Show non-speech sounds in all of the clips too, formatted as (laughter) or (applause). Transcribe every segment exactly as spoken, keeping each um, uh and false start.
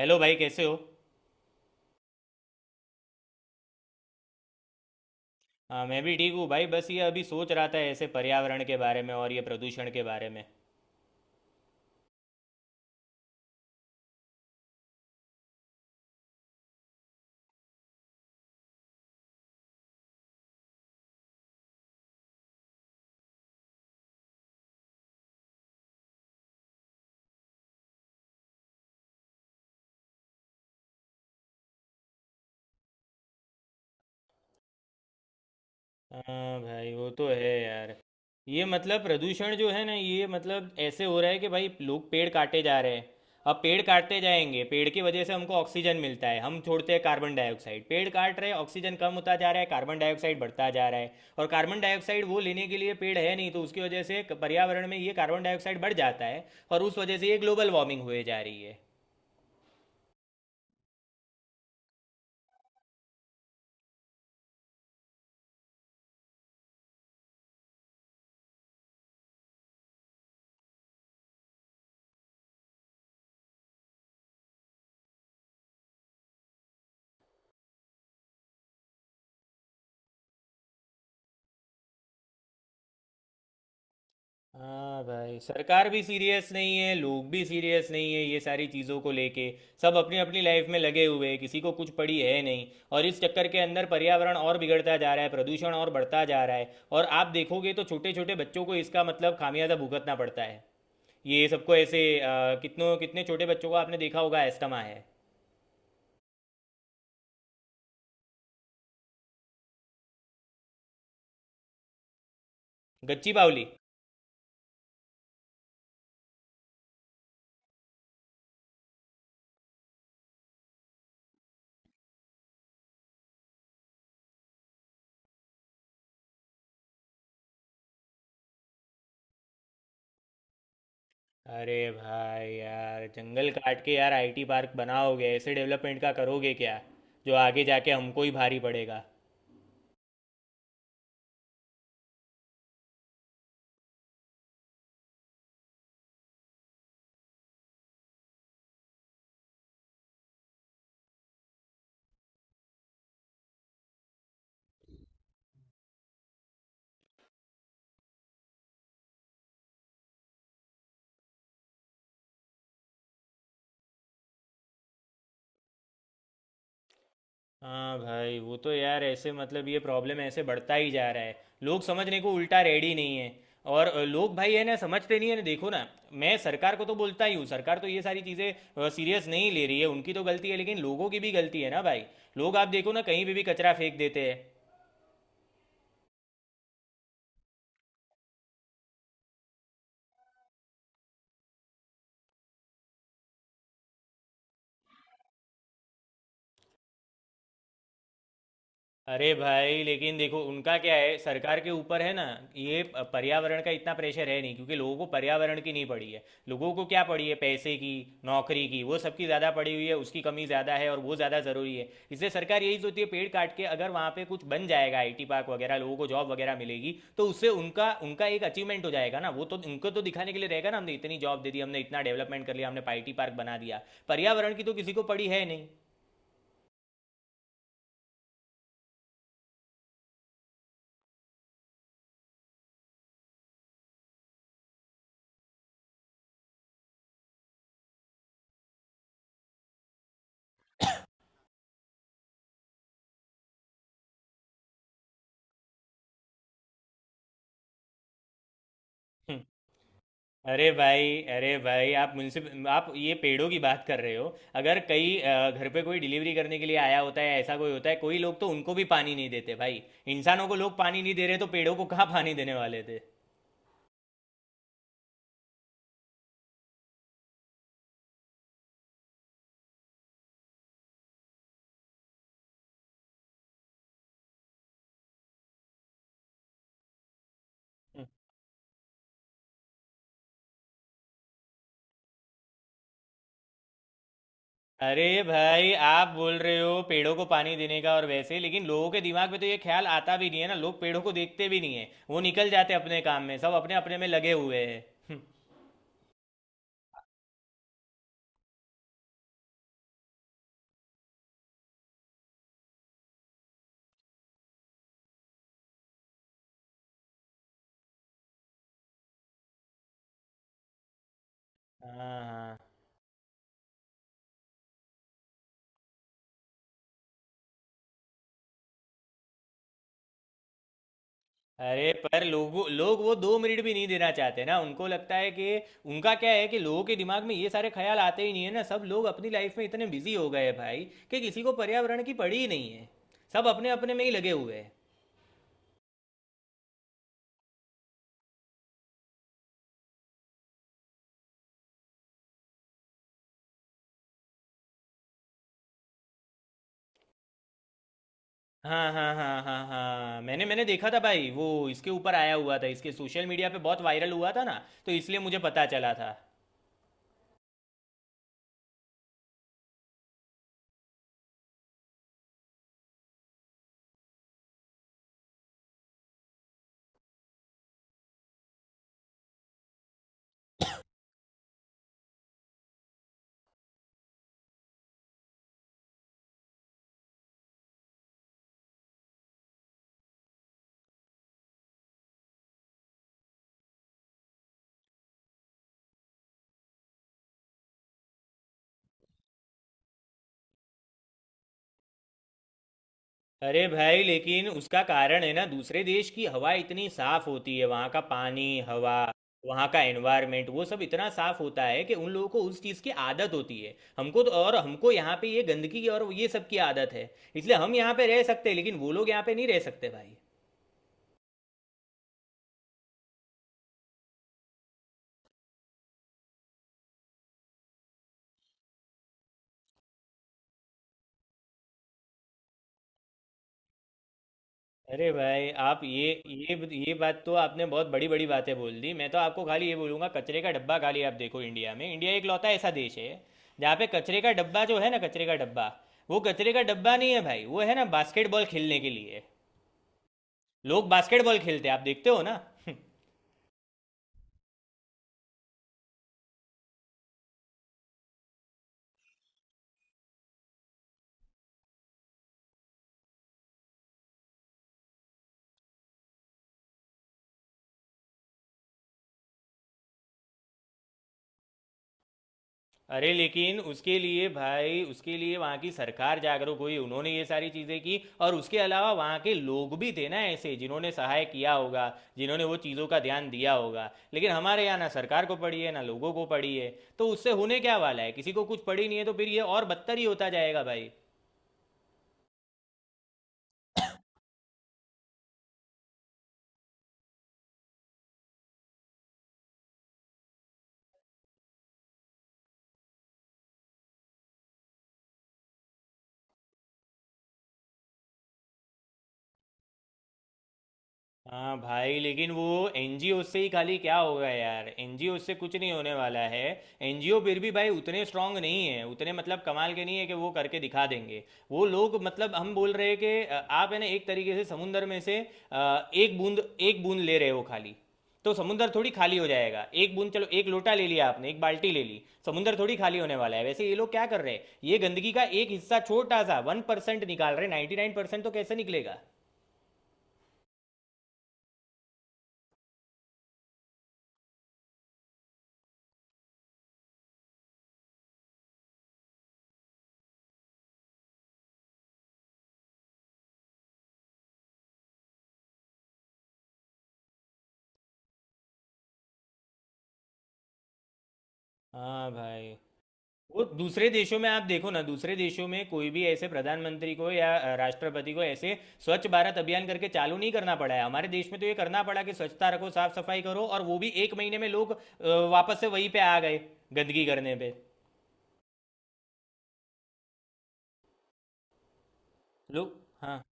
Hello भाई कैसे हो। हाँ मैं भी ठीक हूँ भाई। बस ये अभी सोच रहा था ऐसे पर्यावरण के बारे में और ये प्रदूषण के बारे में। हाँ भाई वो तो है यार। ये मतलब प्रदूषण जो है ना, ये मतलब ऐसे हो रहा है कि भाई लोग पेड़ काटे जा रहे हैं। अब पेड़ काटते जाएंगे, पेड़ की वजह से हमको ऑक्सीजन मिलता है, हम छोड़ते हैं कार्बन डाइऑक्साइड। पेड़ काट रहे हैं, ऑक्सीजन कम होता जा रहा है, कार्बन डाइऑक्साइड बढ़ता जा रहा है। और कार्बन डाइऑक्साइड वो लेने के लिए पेड़ है नहीं, तो उसकी वजह से क- पर्यावरण में ये कार्बन डाइऑक्साइड बढ़ जाता है और उस वजह से ये ग्लोबल वार्मिंग हुए जा रही है। हाँ भाई, सरकार भी सीरियस नहीं है, लोग भी सीरियस नहीं है, ये सारी चीज़ों को लेके। सब अपनी अपनी लाइफ में लगे हुए हैं, किसी को कुछ पड़ी है नहीं। और इस चक्कर के अंदर पर्यावरण और बिगड़ता जा रहा है, प्रदूषण और बढ़ता जा रहा है। और आप देखोगे तो छोटे छोटे बच्चों को इसका मतलब खामियाजा भुगतना पड़ता है। ये सबको ऐसे अ, कितनों कितने छोटे बच्चों को आपने देखा होगा, एस्थमा है। गच्ची बावली। अरे भाई यार, जंगल काट के यार आईटी पार्क बनाओगे, ऐसे डेवलपमेंट का करोगे क्या? जो आगे जाके हमको ही भारी पड़ेगा। हाँ भाई वो तो यार, ऐसे मतलब ये प्रॉब्लम ऐसे बढ़ता ही जा रहा है। लोग समझने को उल्टा रेडी नहीं है। और अ, लोग भाई है ना, समझते नहीं है ना, देखो ना। मैं सरकार को तो बोलता ही हूँ, सरकार तो ये सारी चीज़ें सीरियस नहीं ले रही है, उनकी तो गलती है, लेकिन लोगों की भी गलती है ना भाई। लोग आप देखो ना, कहीं पे भी कचरा फेंक देते हैं। अरे भाई लेकिन देखो उनका क्या है, सरकार के ऊपर है ना, ये प- पर्यावरण का इतना प्रेशर है नहीं, क्योंकि लोगों को पर्यावरण की नहीं पड़ी है। लोगों को क्या पड़ी है? पैसे की, नौकरी की। वो सबकी ज़्यादा पड़ी हुई है, उसकी कमी ज़्यादा है और वो ज़्यादा ज़रूरी है। इसलिए सरकार यही सोचती है, पेड़ काट के अगर वहाँ पे कुछ बन जाएगा आईटी पार्क वगैरह, लोगों को जॉब वगैरह मिलेगी, तो उससे उनका उनका एक अचीवमेंट हो जाएगा ना। वो तो उनको तो दिखाने के लिए रहेगा ना, हमने इतनी जॉब दे दी, हमने इतना डेवलपमेंट कर लिया, हमने आईटी पार्क बना दिया। पर्यावरण की तो किसी को पड़ी है नहीं। हम्म। अरे भाई अरे भाई, आप मुझसे, आप ये पेड़ों की बात कर रहे हो। अगर कई अ, घर पे कोई डिलीवरी करने के लिए आया होता है, ऐसा कोई होता है कोई, लोग तो उनको भी पानी नहीं देते भाई। इंसानों को लोग पानी नहीं दे रहे, तो पेड़ों को कहाँ पानी देने वाले थे। अरे भाई आप बोल रहे हो पेड़ों को पानी देने का। और वैसे लेकिन लोगों के दिमाग में तो ये ख्याल आता भी नहीं है ना। लोग पेड़ों को देखते भी नहीं है, वो निकल जाते अपने काम में, सब अपने अपने में लगे हुए हैं। (laughs) हाँ हाँ। अरे पर लोगों लोग वो दो मिनट भी नहीं देना चाहते ना, उनको लगता है कि उनका क्या है, कि लोगों के दिमाग में ये सारे ख्याल आते ही नहीं है ना। सब लोग अपनी लाइफ में इतने बिजी हो गए हैं भाई कि किसी को पर्यावरण की पड़ी ही नहीं है। सब अपने अपने में ही लगे हुए हैं। हाँ हाँ हाँ हाँ हाँ, मैंने मैंने देखा था भाई, वो इसके ऊपर आया हुआ था, इसके सोशल मीडिया पे बहुत वायरल हुआ था ना, तो इसलिए मुझे पता चला था। अरे भाई लेकिन उसका कारण है ना, दूसरे देश की हवा इतनी साफ होती है, वहाँ का पानी, हवा, वहाँ का एनवायरनमेंट, वो सब इतना साफ होता है कि उन लोगों को उस चीज़ की आदत होती है। हमको तो, और हमको यहाँ पे ये गंदगी और ये सब की आदत है, इसलिए हम यहाँ पे रह सकते हैं, लेकिन वो लोग यहाँ पे नहीं रह सकते भाई। अरे भाई आप ये ये ये बात, तो आपने बहुत बड़ी बड़ी बातें बोल दी। मैं तो आपको खाली ये बोलूंगा, कचरे का डब्बा। खाली आप देखो इंडिया में, इंडिया एक लौता ऐसा देश है जहाँ पे कचरे का डब्बा जो है ना, कचरे का डब्बा वो कचरे का डब्बा नहीं है भाई, वो है ना बास्केटबॉल खेलने के लिए। लोग बास्केटबॉल खेलते हैं, आप देखते हो ना। (laughs) अरे लेकिन उसके लिए भाई, उसके लिए वहाँ की सरकार जागरूक हुई, उन्होंने ये सारी चीज़ें की, और उसके अलावा वहाँ के लोग भी थे ना ऐसे जिन्होंने सहाय किया होगा, जिन्होंने वो चीज़ों का ध्यान दिया होगा। लेकिन हमारे यहाँ ना सरकार को पड़ी है ना लोगों को पड़ी है, तो उससे होने क्या वाला है? किसी को कुछ पड़ी नहीं है, तो फिर ये और बदतर ही होता जाएगा भाई। हाँ भाई लेकिन वो एनजीओ से ही खाली क्या होगा यार, एनजीओ से कुछ नहीं होने वाला है। एनजीओ फिर भी भाई उतने स्ट्रांग नहीं है, उतने मतलब कमाल के नहीं है कि वो करके दिखा देंगे। वो लोग, मतलब हम बोल रहे हैं कि अ, आप है ना, एक तरीके से समुंदर में से अ, एक बूंद एक बूंद ले रहे हो खाली। तो समुंदर थोड़ी खाली हो जाएगा, एक बूंद, चलो एक लोटा ले लिया आपने, एक बाल्टी ले ली, समुंदर थोड़ी खाली होने वाला है। वैसे ये लोग क्या कर रहे हैं, ये गंदगी का एक हिस्सा छोटा सा वन परसेंट निकाल रहे हैं, नाइन्टी नाइन परसेंट तो कैसे निकलेगा। हाँ भाई। वो दूसरे देशों में आप देखो ना, दूसरे देशों में कोई भी ऐसे प्रधानमंत्री को या अ, राष्ट्रपति को ऐसे स्वच्छ भारत अभियान करके चालू नहीं करना पड़ा है। हमारे देश में तो ये करना पड़ा कि स्वच्छता रखो, साफ सफाई करो, और वो भी एक महीने में लोग अ, वापस से वहीं पे आ गए गंदगी करने पे। लोग। हाँ।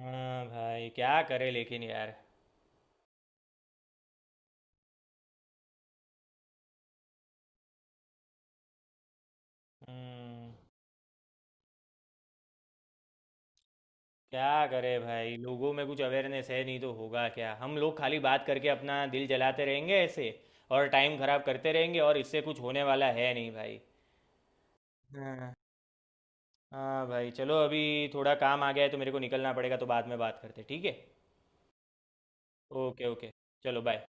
हाँ भाई क्या करे लेकिन यार। हम्म क्या करे भाई, लोगों में कुछ अवेयरनेस है नहीं, तो होगा क्या? हम लोग खाली बात करके अपना दिल जलाते रहेंगे ऐसे, और टाइम खराब करते रहेंगे, और इससे कुछ होने वाला है नहीं भाई। हाँ। हाँ भाई चलो, अभी थोड़ा काम आ गया है तो मेरे को निकलना पड़ेगा, तो बाद में बात करते हैं, ठीक है। Okay okay. चलो बाय।